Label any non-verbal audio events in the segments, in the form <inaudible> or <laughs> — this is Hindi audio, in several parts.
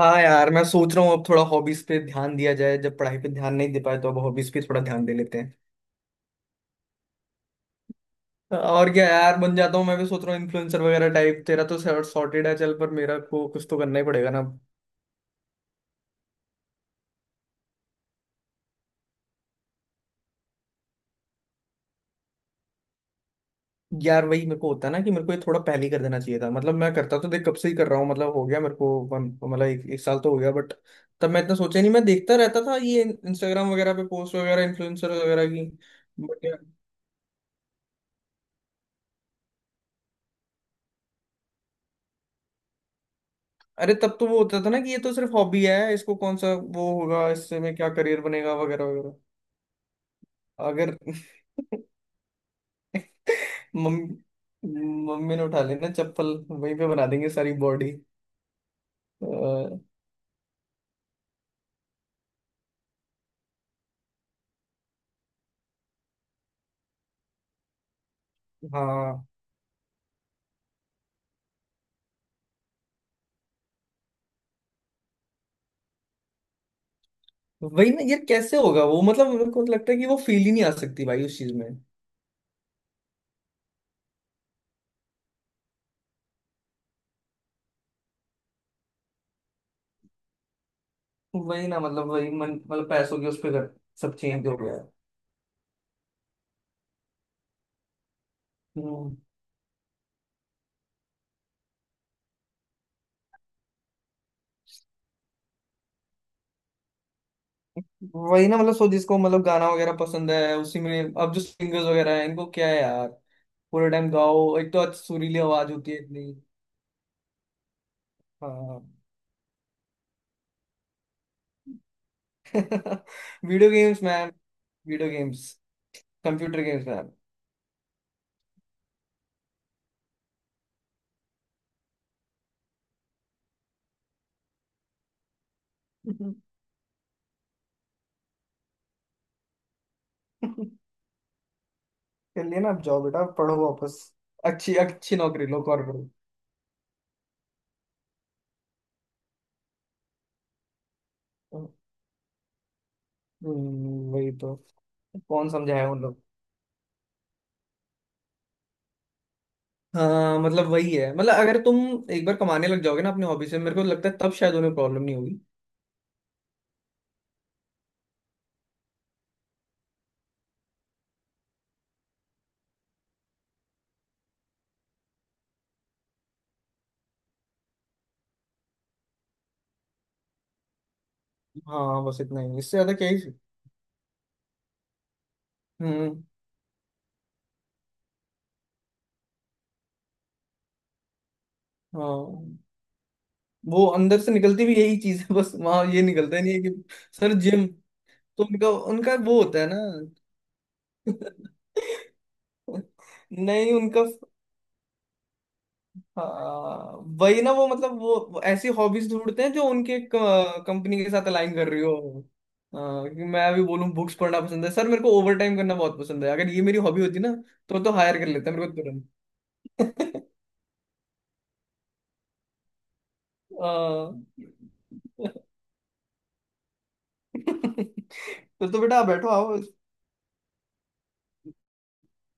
हाँ यार, मैं सोच रहा हूँ अब थोड़ा हॉबीज पे ध्यान दिया जाए। जब पढ़ाई पे ध्यान नहीं दे पाए तो अब हॉबीज पे थोड़ा ध्यान दे लेते हैं। और क्या यार, बन जाता हूँ। मैं भी सोच रहा हूँ इन्फ्लुएंसर वगैरह टाइप। तेरा तो सॉर्टेड है चल, पर मेरा को कुछ तो करना ही पड़ेगा ना। यार वही मेरे को होता है ना कि मेरे को ये थोड़ा पहले ही कर देना चाहिए था। मतलब मैं करता तो देख, कब से ही कर रहा हूँ। मतलब हो गया मेरे को एक साल तो हो गया, बट तब मैं इतना सोचा नहीं। मैं देखता रहता था ये इंस्टाग्राम वगैरह पे पोस्ट वगैरह इन्फ्लुएंसर वगैरह की। अरे तब तो वो होता था ना कि ये तो सिर्फ हॉबी है, इसको कौन सा वो होगा, इससे में क्या करियर बनेगा वगैरह वगैरह। अगर <laughs> मम्मी। मम्मी ने उठा लेना चप्पल, वहीं पे बना देंगे सारी बॉडी। हाँ, वही ना यार, कैसे होगा वो। मतलब मेरे को लगता है कि वो फील ही नहीं आ सकती भाई उस चीज में। वही ना, मतलब वही मन, मतलब पैसों के उस पे कर- सब चेंज हो गया है। हम्म, वही ना। मतलब सो जिसको मतलब गाना वगैरह पसंद है, उसी में अब जो सिंगर्स वगैरह हैं, इनको क्या है यार, पूरे टाइम गाओ। एक तो अच्छी सुरीली आवाज होती है इतनी। हाँ <laughs> हाँ। Video games ma'am. Video games. Computer games ma'am. <laughs> चलिए ना, आप जाओ बेटा, पढ़ो वापस। अच्छी अच्छी नौकरी लो, कॉर्पोरेट। वही तो। कौन समझाया उन लोग। हाँ, मतलब वही है। मतलब अगर तुम एक बार कमाने लग जाओगे ना अपने हॉबी से, मेरे को लगता है तब शायद उन्हें प्रॉब्लम नहीं होगी। हाँ, बस इतना ही, इससे ज्यादा क्या ही। हम्म। हाँ। वो अंदर से निकलती भी यही चीज है, बस वहां ये निकलता ही नहीं है कि सर, जिम। तो उनका उनका वो होता है ना। <laughs> नहीं, उनका। हाँ, वही ना। वो मतलब वो ऐसी हॉबीज ढूंढते हैं जो उनके कंपनी के साथ अलाइन कर रही हो। हाँ, कि मैं अभी बोलूं बुक्स पढ़ना पसंद है सर, मेरे को ओवर टाइम करना बहुत पसंद है, अगर ये मेरी हॉबी होती ना तो हायर कर लेता मेरे को तुरंत। <laughs> हाँ। <laughs> तो बेटा आप बैठो आओ।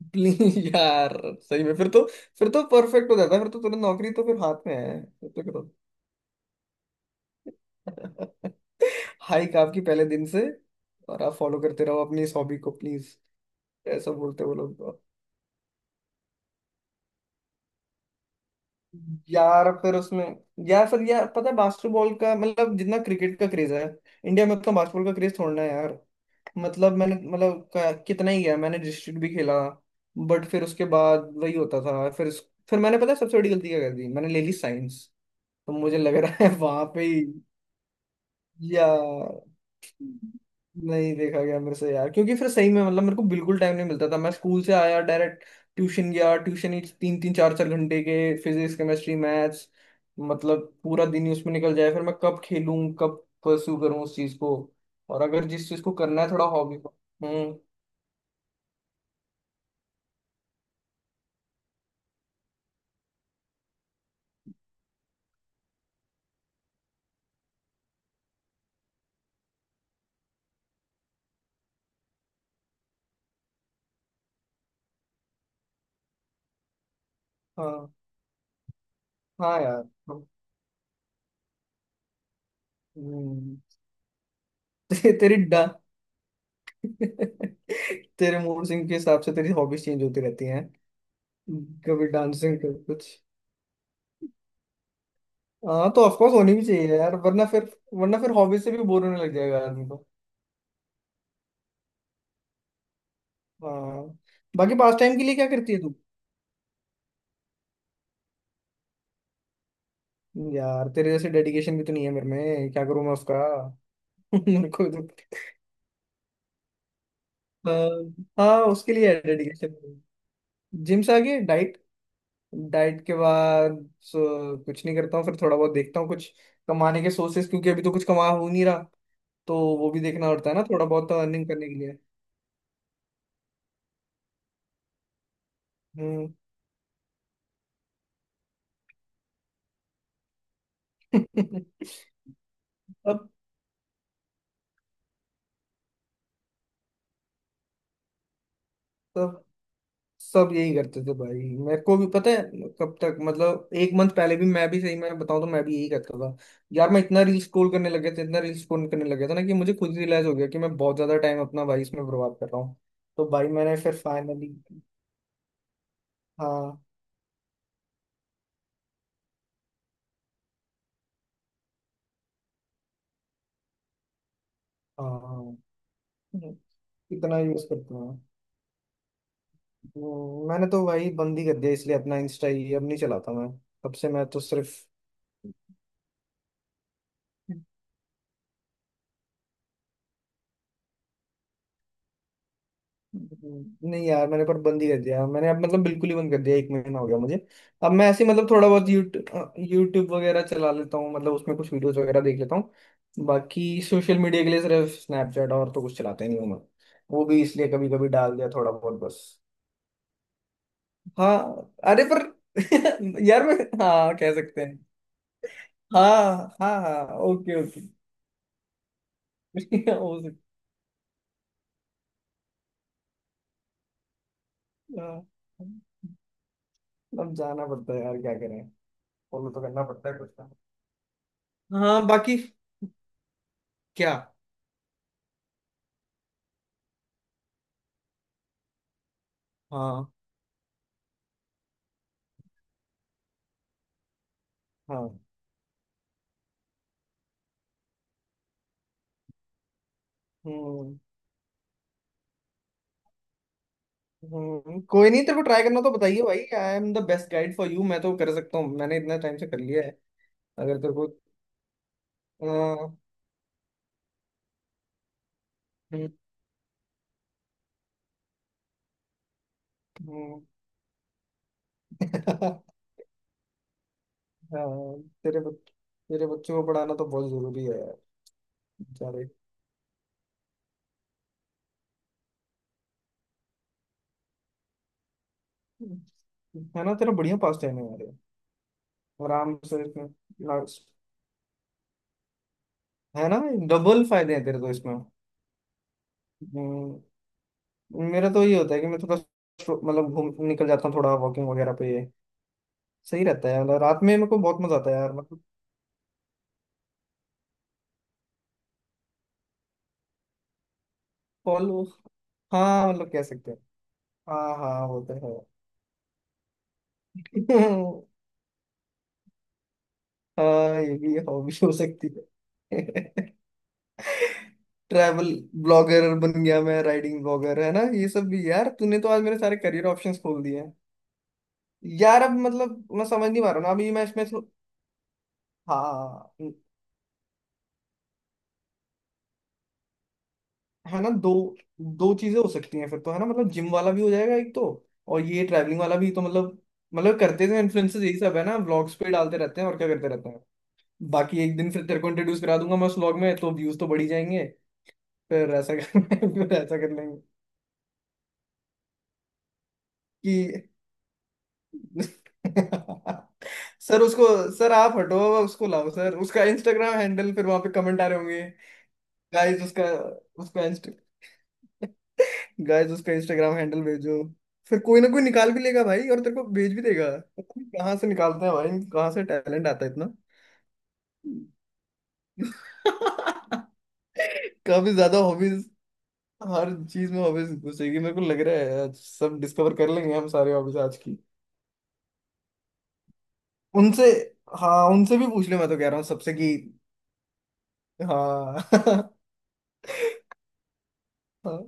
<laughs> प्लीज यार। सही में फिर तो, फिर तो परफेक्ट हो जाता है, फिर तो तुरंत नौकरी तो फिर हाथ में है, फिर तो करो। <laughs> हाइक आपकी पहले दिन से। और आप फॉलो करते रहो अपनी इस हॉबी को प्लीज। ऐसा बोलते हैं वो लोग। यार फिर उसमें, यार फिर यार, पता है बास्केटबॉल का मतलब जितना क्रिकेट का क्रेज है इंडिया में, उतना बास्केटबॉल का क्रेज थोड़ा है यार। मतलब मैंने मतलब क- कितना ही गया, मैंने डिस्ट्रिक्ट भी खेला। बट फिर उसके बाद वही होता था। फिर मैंने, पता है सबसे बड़ी गलती क्या कर दी मैंने, ले ली साइंस। तो मुझे लग रहा है वहां पे ही। या नहीं, देखा गया मेरे से यार, क्योंकि फिर सही में मतलब मेरे को बिल्कुल टाइम नहीं मिलता था। मैं स्कूल से आया डायरेक्ट ट्यूशन गया। ट्यूशन ही तीन तीन चार चार घंटे के, फिजिक्स केमिस्ट्री मैथ्स। मतलब पूरा दिन ही उसमें निकल जाए, फिर मैं कब खेलूं, कब परस्यू करूं उस चीज को। और अगर जिस चीज को करना है थोड़ा हॉबी को। हम्म। हाँ। हाँ यार। हम्म। <laughs> ते, तेरी डा <laughs> तेरे मूड सिंह के हिसाब से तेरी हॉबीज चेंज होती रहती। कभी डांसिंग कभी कुछ। हाँ, तो ऑफकोर्स होनी भी चाहिए यार, वरना फिर, वरना फिर हॉबी से भी बोर होने लग जाएगा आदमी को। हाँ। बाकी पास टाइम के लिए क्या करती है तू। यार तेरे जैसे डेडिकेशन भी तो नहीं है मेरे में, क्या करूँ मैं उसका। <laughs> मेरे को भी तो हाँ, हाँ, उसके लिए है डेडिकेशन। जिम से आगे डाइट, डाइट के बाद कुछ नहीं करता हूँ। फिर थोड़ा बहुत देखता हूँ कुछ कमाने के सोर्सेस, क्योंकि अभी तो कुछ कमा हो नहीं रहा, तो वो भी देखना पड़ता है ना थोड़ा बहुत, तो अर्निंग करने के लिए। हम्म। <laughs> अब सब यही करते थे भाई। मेरे को भी पता है। कब तक मतलब एक मंथ पहले भी, मैं भी सही में बताऊं तो, मैं भी यही करता था। यार मैं इतना रील स्क्रॉल करने लग गया था, इतना रील स्क्रॉल करने लग गया था ना कि मुझे खुद ही रियलाइज हो गया कि मैं बहुत ज्यादा टाइम अपना भाई इसमें बर्बाद कर रहा हूँ। तो भाई मैंने फिर फाइनली हाँ हाँ हाँ, इतना यूज करता हूँ। मैंने तो भाई बंद ही कर दिया इसलिए। अपना इंस्टा ही अब नहीं चलाता मैं। तब से मैं तो सिर्फ नहीं यार, मैंने पर बंद ही कर दिया। मैंने अब मतलब बिल्कुल ही बंद कर दिया, एक महीना हो गया मुझे। अब मैं ऐसे ही मतलब थोड़ा बहुत यूट्यूब यूट्यूब वगैरह चला लेता हूँ, मतलब उसमें कुछ वीडियोस वगैरह देख लेता हूँ। बाकी सोशल मीडिया के लिए सिर्फ स्नैपचैट और तो कुछ चलाते नहीं हूँ मैं। वो भी इसलिए कभी कभी डाल दिया थोड़ा बहुत, बस। हाँ अरे पर <laughs> यार मैं, हाँ कह सकते हैं। हाँ हाँ हाँ, ओके ओके। <laughs> हो सकता। हाँ। अब जाना पड़ता है यार, क्या करें, फॉलो तो करना पड़ता है कुछ ना। हाँ। बाकी क्या। हाँ। हाँ। हम्म। हम्म, कोई नहीं, तेरे को ट्राई करना तो बताइए भाई, I am the best guide for you, मैं तो कर सकता हूँ, मैंने इतना टाइम से कर लिया है। अगर तेरे को अ, हम्म, हम्म, <laughs> हाँ, तेरे बच्चों को पढ़ाना तो बहुत जरूरी है यार, बेचारे। है ना, तेरा बढ़िया पास टाइम है यार ये। आराम से इसमें लास्ट- है ना, डबल फायदे हैं तेरे तो इसमें। हम्म, मेरा तो ये होता है कि मैं थोड़ा, मतलब घूम निकल जाता हूँ थोड़ा वॉकिंग वगैरह पे। सही रहता है, मतलब रात में मेरे को बहुत मजा आता है यार, मतलब कॉल। हाँ मतलब कह सकते हैं। हाँ हाँ, वो तो है। <laughs> हाँ, ये भी हॉबी हो सकती है। <laughs> ट्रैवल ब्लॉगर बन गया मैं, राइडिंग ब्लॉगर, है ना ये सब भी। यार तूने तो आज मेरे सारे करियर ऑप्शंस खोल दिए हैं। यार अब मतलब मैं समझ नहीं पा रहा ना अभी मैं इसमें थो- हाँ, है ना, दो, दो चीजें हो सकती हैं फिर तो, है ना, मतलब जिम वाला भी हो जाएगा एक तो, और ये ट्रैवलिंग वाला भी तो, मतलब मतलब करते तो इन्फ्लुएंसर्स यही सब है ना, व्लॉग्स पे डालते रहते हैं और क्या करते रहते हैं। बाकी एक दिन फिर तेरे को इंट्रोड्यूस करा दूंगा मैं उस व्लॉग में, तो व्यूज तो बढ़ी जाएंगे। फिर ऐसा कर <laughs> फिर ऐसा कर लेंगे कि <laughs> सर उसको, सर आप हटो, उसको लाओ सर, उसका इंस्टाग्राम हैंडल, फिर वहां पे कमेंट आ रहे होंगे, गाइस उसका, उसका इंस्टा, गाइस उसका इंस्टाग्राम हैंडल भेजो। फिर कोई ना कोई निकाल भी लेगा भाई और तेरे को भेज भी देगा। पता नहीं कहाँ से निकालते हैं भाई, कहाँ से टैलेंट आता है इतना। <laughs> काफी ज्यादा हॉबीज, हर चीज में हॉबीज घुसेगी। मेरे को लग रहा है आज सब डिस्कवर कर लेंगे हम सारे हॉबीज आज की। उनसे, हाँ उनसे भी पूछ ले, मैं तो कह रहा हूँ सबसे कि हाँ। <laughs> हाँ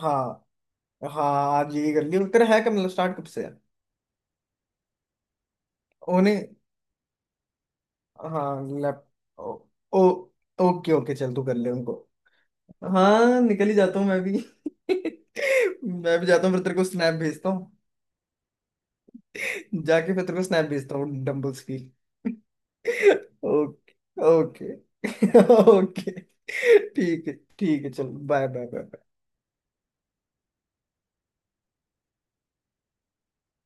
हाँ हाँ, आज यही कर लियो। तेरा है कब, मतलब स्टार्ट कब से है। उन्हें, हाँ लैप, ओ, ओ, ओके ओके, चल तू कर ले उनको। हाँ, निकल ही जाता हूँ मैं भी। <laughs> मैं भी जाता हूँ, फिर तेरे को स्नैप भेजता हूँ। <laughs> जाके फिर तेरे को स्नैप भेजता हूँ डम्बल्स की। ओके। ओके। ओके <laughs> ठीक है। ठीक है, चलो, बाय बाय बाय।